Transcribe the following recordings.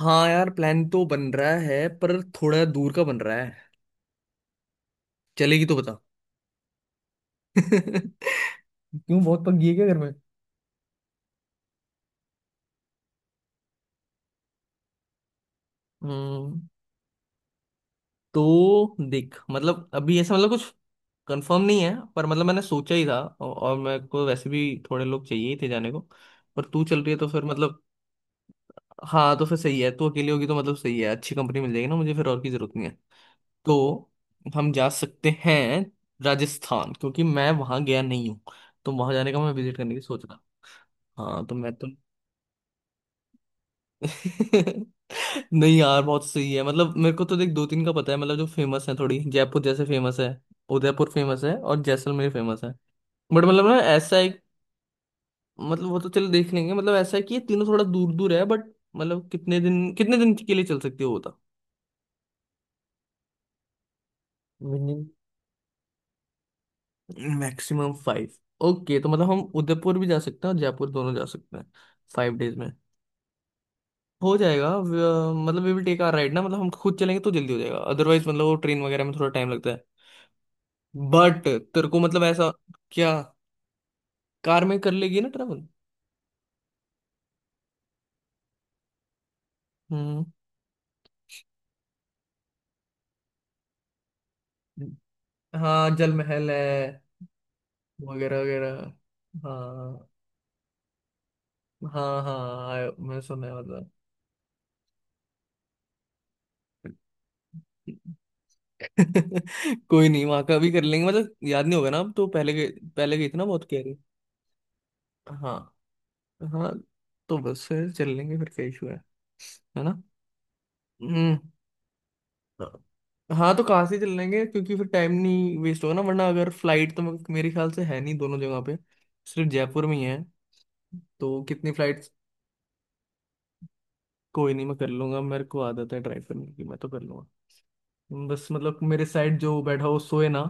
हाँ यार, प्लान तो बन रहा है पर थोड़ा दूर का बन रहा है। चलेगी तो बता। क्यों, बहुत पक गई है क्या घर में? हम्म। तो देख मतलब अभी ऐसा मतलब कुछ कंफर्म नहीं है, पर मतलब मैंने सोचा ही था और मेरे को वैसे भी थोड़े लोग चाहिए ही थे जाने को, पर तू चल रही है तो फिर मतलब। हाँ तो फिर सही है, तू अकेली होगी तो मतलब सही है, अच्छी कंपनी मिल जाएगी ना, मुझे फिर और की जरूरत नहीं है। तो हम जा सकते हैं राजस्थान, क्योंकि मैं वहां गया नहीं हूँ, तो वहां जाने का, मैं विजिट करने की सोच रहा। हाँ तो मैं तो। नहीं यार, बहुत सही है। मतलब मेरे को तो देख दो तीन का पता है, मतलब जो फेमस है। थोड़ी जयपुर जैसे फेमस है, उदयपुर फेमस है, और जैसलमेर फेमस है। बट मतलब ना ऐसा एक। मतलब वो तो चलो देख लेंगे, मतलब ऐसा है कि ये तीनों थोड़ा दूर दूर है, बट मतलब कितने दिन, कितने दिन के लिए चल सकते हो वो बता। Maximum five. ओके, तो मतलब हम उदयपुर भी जा सकते हैं और जयपुर, दोनों जा सकते हैं 5 डेज में। हो जाएगा मतलब we will take our ride ना, मतलब हम खुद चलेंगे तो जल्दी हो जाएगा, अदरवाइज मतलब वो ट्रेन वगैरह में थोड़ा टाइम लगता है। बट तेरे को मतलब ऐसा, क्या कार में कर लेगी ना ट्रेवल? हम्म। हाँ जल महल है वगैरह वगैरह। हाँ। हाँ हाँ मैं सुना है मतलब। कोई नहीं, वहां का भी कर लेंगे, मतलब याद नहीं होगा ना अब तो, पहले गए, पहले गई थी ना बहुत कह रही। हाँ। हाँ तो बस से चल लेंगे, फिर क्या इशू है ना? हम्म। हाँ तो कहाँ से चल लेंगे, क्योंकि फिर टाइम नहीं वेस्ट होगा ना वरना। अगर फ्लाइट तो मेरे ख्याल से है नहीं दोनों जगह पे, सिर्फ जयपुर में ही है। तो कितनी फ्लाइट। कोई नहीं, मैं कर लूंगा, मेरे को आदत है ट्राई करने की, मैं तो कर लूंगा। बस मतलब मेरे साइड जो बैठा हो सोए ना,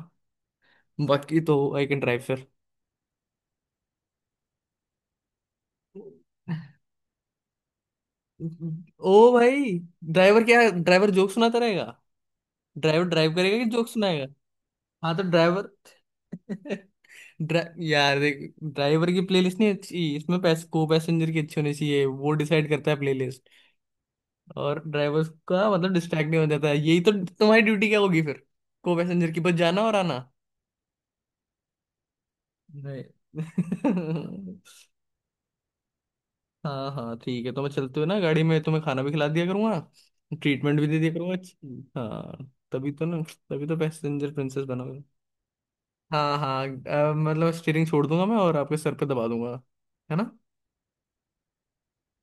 बाकी तो आई कैन ड्राइव फिर। ओ भाई, ड्राइवर क्या ड्राइवर जोक सुनाता रहेगा? ड्राइवर ड्राइव करेगा कि जोक सुनाएगा? हाँ तो ड्राइवर। यार देख, ड्राइवर की प्लेलिस्ट नहीं अच्छी इसमें, को पैसेंजर की अच्छी होनी चाहिए, वो डिसाइड करता है प्लेलिस्ट। और ड्राइवर का मतलब डिस्ट्रैक्ट नहीं हो जाता है, यही तो तुम्हारी ड्यूटी क्या होगी फिर? को पैसेंजर की, बस जाना और आना। नहीं। हाँ हाँ ठीक है, तो मैं चलते हुए ना गाड़ी में तुम्हें खाना भी खिला दिया करूंगा, ट्रीटमेंट भी दे दिया करूंगा अच्छी। हाँ तभी तो ना। तभी तो पैसेंजर प्रिंसेस बनोगे। हाँ हाँ, मतलब स्टीयरिंग छोड़ दूंगा मैं और आपके सर पे दबा दूंगा, है ना?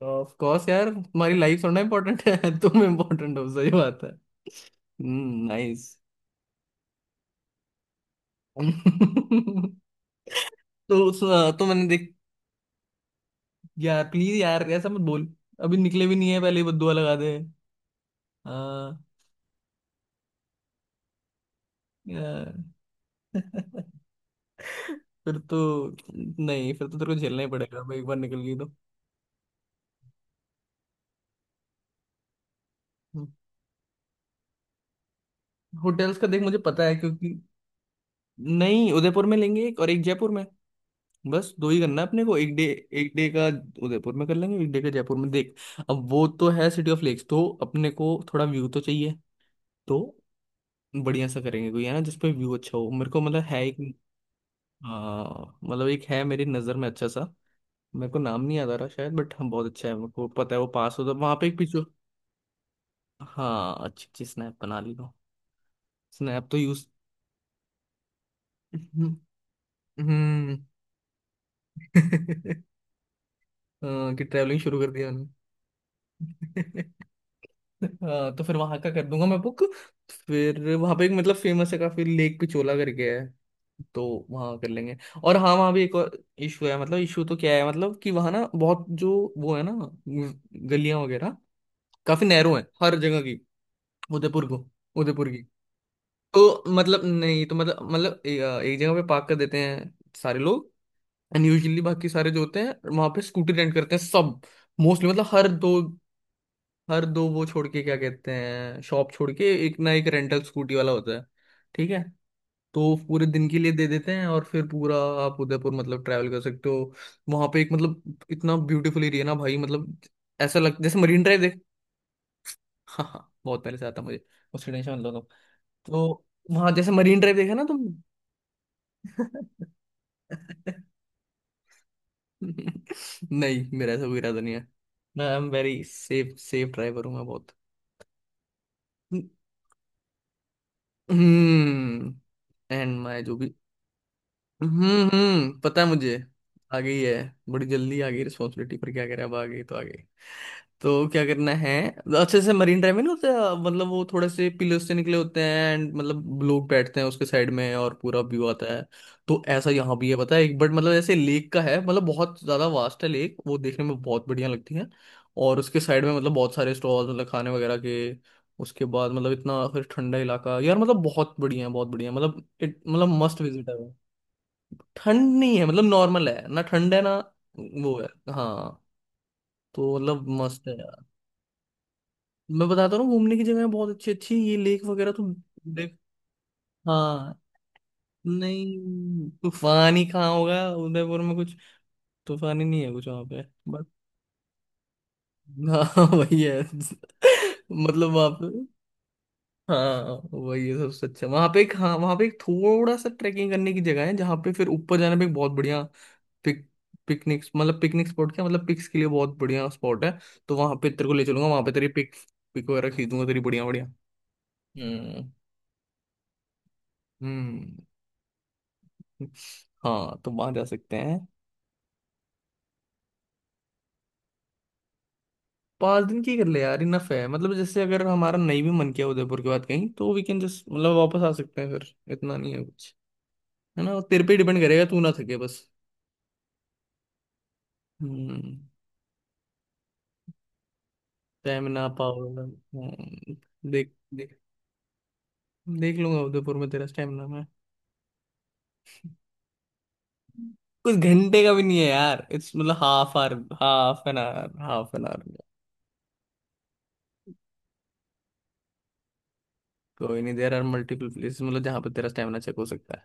ऑफ कोर्स यार, तुम्हारी लाइफ थोड़ा इम्पोर्टेंट है। तुम इम्पोर्टेंट हो, सही बात है। हम्म, नाइस। तो उस, तो मैंने देख, यार प्लीज यार ऐसा मत बोल, अभी निकले भी नहीं है पहले ही बद दुआ लगा दे। हाँ अ, फिर तो, नहीं, फिर तो तेरे को झेलना ही पड़ेगा अब, एक बार निकल गई तो। हम्म। होटल्स का देख मुझे पता है क्योंकि, नहीं, उदयपुर में लेंगे एक और एक जयपुर में, बस दो ही करना है अपने को, एक डे, एक डे का उदयपुर में कर लेंगे, एक डे का जयपुर में। देख अब वो तो है सिटी ऑफ लेक्स, तो अपने को थोड़ा व्यू तो चाहिए। तो बढ़िया सा करेंगे, कोई है ना जिसपे व्यू अच्छा हो, मेरे को मतलब है एक। हाँ मतलब एक है मेरी नजर में अच्छा सा। मेरे को नाम नहीं याद आ रहा शायद बट, हम, बहुत अच्छा है, मेरे को पता है वो पास होता, वहां पे एक पिक्चर। हाँ अच्छी अच्छी स्नैप बना ली हो, स्नैप तो यूज। हम्म। हाँ, कि ट्रैवलिंग शुरू कर दिया मैंने। हाँ तो फिर वहां का कर दूंगा मैं बुक। फिर वहां पे एक मतलब फेमस है काफी, लेक पिछोला करके है। तो वहां कर लेंगे। और हाँ वहां भी एक और इशू है, मतलब इशू तो क्या है, मतलब कि वहां ना बहुत जो, वो है ना गलियां वगैरह, काफी नैरो है हर जगह की। उदयपुर को, उदयपुर की। तो मतलब नहीं तो मतलब मतलब एक जगह पे पार्क कर देते हैं सारे लोग। एंड यूजली बाकी सारे जो होते हैं वहां पे स्कूटी रेंट करते हैं सब। मोस्टली मतलब हर दो, हर दो वो छोड़ के, क्या कहते हैं, शॉप छोड़ के एक ना एक रेंटल स्कूटी वाला होता है। ठीक है। तो पूरे दिन के लिए दे देते हैं और फिर पूरा आप उदयपुर मतलब ट्रैवल कर सकते हो। वहां पे एक मतलब इतना ब्यूटीफुल एरिया ना भाई, मतलब ऐसा लग जैसे मरीन ड्राइव। देख। हाँ हाँ, बहुत पहले से आता मुझे, उसकी टेंशन लो तुम। तो वहां जैसे मरीन ड्राइव देखा ना तुम। नहीं, मेरा ऐसा कोई इरादा नहीं है। मैं I am very safe, safe driver हूँ मैं, बहुत। हम्म। एंड माय जो भी। हम्म, पता है मुझे, आ गई है, बड़ी जल्दी आ गई रिस्पॉन्सिबिलिटी, पर क्या करें अब, आ गई तो आ गई, तो क्या करना है। अच्छे से मरीन ड्राइव में नहीं होते, मतलब वो थोड़े से पिलर्स से निकले होते हैं एंड मतलब लोग बैठते हैं उसके साइड में और पूरा व्यू आता है। तो ऐसा यहाँ भी है पता है एक, बट मतलब ऐसे लेक का है, मतलब बहुत ज्यादा वास्ट है लेक, वो देखने में बहुत बढ़िया लगती है। और उसके साइड में मतलब बहुत सारे स्टॉल, मतलब खाने वगैरह के। उसके बाद मतलब इतना फिर ठंडा इलाका यार, मतलब बहुत बढ़िया है, मतलब मतलब मस्ट विजिट है वो। ठंड नहीं है, मतलब नॉर्मल है ना, ठंड है ना, वो है। हाँ। तो मतलब मस्त है। मैं बताता हूँ ना, घूमने की जगह बहुत अच्छी अच्छी है। ये लेक वगैरह तो। देख। हाँ। नहीं, तूफानी कहाँ होगा उदयपुर में कुछ, तूफानी नहीं है कुछ वहाँ पे। बस। हाँ वही है, मतलब वहाँ पे। हाँ वही है सबसे अच्छा वहाँ पे एक, हाँ वहाँ पे एक थोड़ा सा ट्रैकिंग करने की जगह है, जहाँ पे फिर ऊपर जाने पे एक बहुत बढ़िया पिक, पिकनिक, मतलब पिकनिक स्पॉट, क्या मतलब पिक्स के लिए बहुत बढ़िया स्पॉट है। तो वहाँ पे तेरे को ले चलूंगा, वहाँ पे तेरी पिक, पिक वगैरह खींचूंगा तेरी, बढ़िया बढ़िया। हम्म हम्म। हाँ तो वहां जा सकते हैं। 5 दिन की कर ले यार, इनफ है, मतलब जैसे अगर हमारा नहीं भी मन किया उदयपुर के बाद कहीं, तो वी कैन जस्ट मतलब वापस आ सकते हैं, फिर इतना नहीं है कुछ, है ना? तेरे पे डिपेंड करेगा, तू ना थके बस। हम्म, स्टेमिना पावर। देख देख, देख लूंगा उदयपुर में तेरा स्टेमिना मैं। कुछ घंटे का भी नहीं है यार, इट्स मतलब half hour, half an hour, half an hour. कोई नहीं, देर आर मल्टीपल प्लेसेस मतलब जहाँ पे तेरा स्टेमिना चेक हो सकता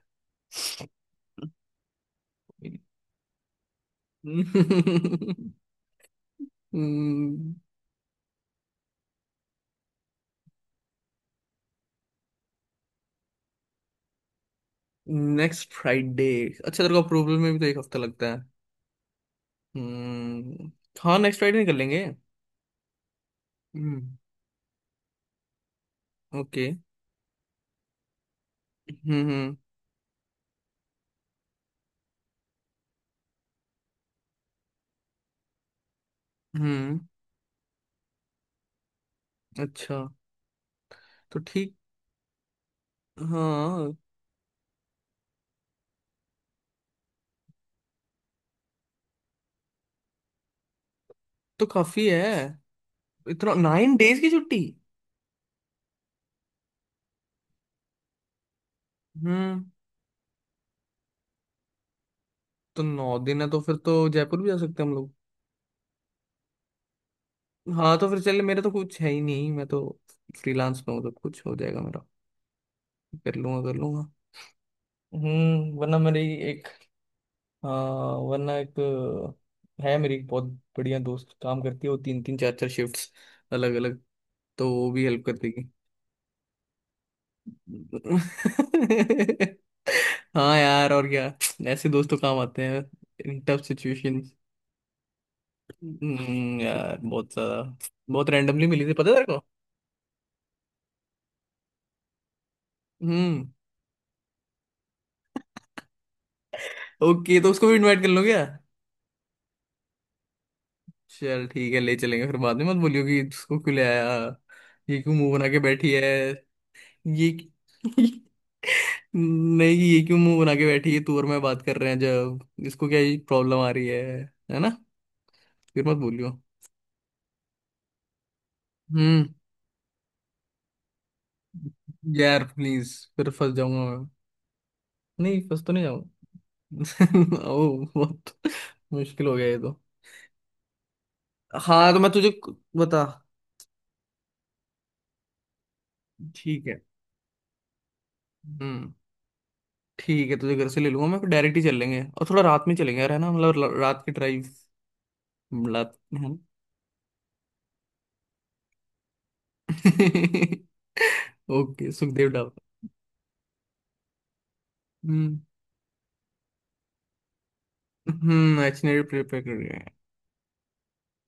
है। Next Friday? अच्छा, तेरे को अप्रूवल में भी तो एक हफ्ता लगता है? हम्म। हाँ नेक्स्ट फ्राइडे निकल लेंगे। हम्म। ओके। हम्म हम्म हम्म। अच्छा। तो ठीक, हाँ। तो काफी है इतना, 9 डेज की छुट्टी। हम्म। तो 9 दिन है तो फिर तो जयपुर भी जा सकते हैं हम लोग। हाँ तो फिर चल, मेरा तो कुछ है ही नहीं, मैं तो फ्रीलांस पे हूँ, तो कुछ हो जाएगा मेरा, कर लूंगा कर लूंगा। वरना मेरी एक, हाँ वरना एक है, मेरी एक बहुत बढ़िया दोस्त काम करती है, वो तीन तीन चार चार शिफ्ट्स अलग अलग। तो वो भी हेल्प कर देगी। हाँ यार और क्या, ऐसे दोस्त तो काम आते हैं इन टफ सिचुएशन। यार, बहुत ज्यादा, बहुत रैंडमली मिली थी पता है तेरे को। हम्म। ओके, तो उसको भी इनवाइट कर लो क्या। चल ठीक है ले चलेंगे, फिर बाद में मत बोलियो कि उसको क्यों ले आया, ये क्यों मुंह बना के बैठी है। ये नहीं कि ये क्यों मुंह बना के बैठी है, तू और मैं बात कर रहे हैं जब, इसको क्या ये प्रॉब्लम आ रही है ना? फिर मत बोलियो। हम्म। यार प्लीज, फिर फंस जाऊंगा मैं, नहीं, फंस तो नहीं जाऊंगा। ओ, बहुत मुश्किल हो गया ये तो। हाँ तो मैं तुझे बता, ठीक है। हम्म। ठीक है, तुझे घर से ले लूंगा मैं, फिर डायरेक्ट ही चल लेंगे, और थोड़ा रात में चलेंगे यार, है ना, मतलब रात की ड्राइव। रात है ना। ओके सुखदेव डाबर। हम्म। हम्म, एक्शनरी प्रिपेयर कर रहे हैं।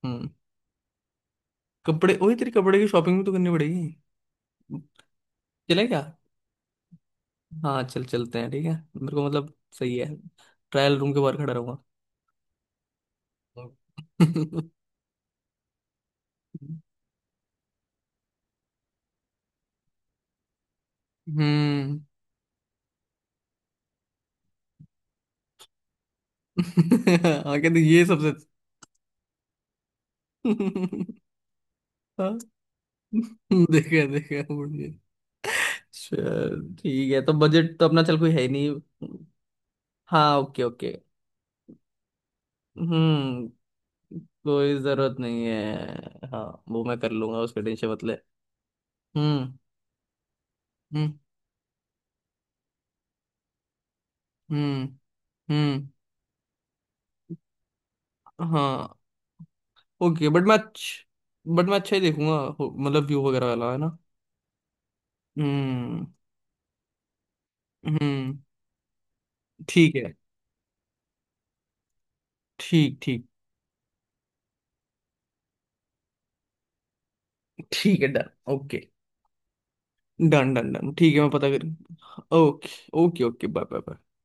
हम्म। कपड़े, वही तेरी, कपड़े की शॉपिंग भी तो करनी पड़ेगी। चले क्या? हाँ चल चलते हैं, ठीक है, मेरे को मतलब सही है। ट्रायल रूम के बाहर खड़ा रहूंगा। हम्म। हाँ, कहते ये सबसे। अच्छा। हाँ देखा देखा, बढ़िया। चल ठीक है, तो बजट तो अपना चल कोई है ही नहीं। हाँ ओके ओके। हम्म, कोई जरूरत नहीं है हाँ। वो मैं कर लूंगा, उसका टेंशन मत ले। हम्म हम्म। हम्म हम्म, हाँ ओके, बट मैं अच्छा ही देखूंगा, मतलब व्यू वगैरह वाला है ना। हम्म हम्म ठीक है, ठीक ठीक। ठीक है done okay. Done done done, ठीक है, मैं पता कर। Okay. Okay okay, bye bye bye.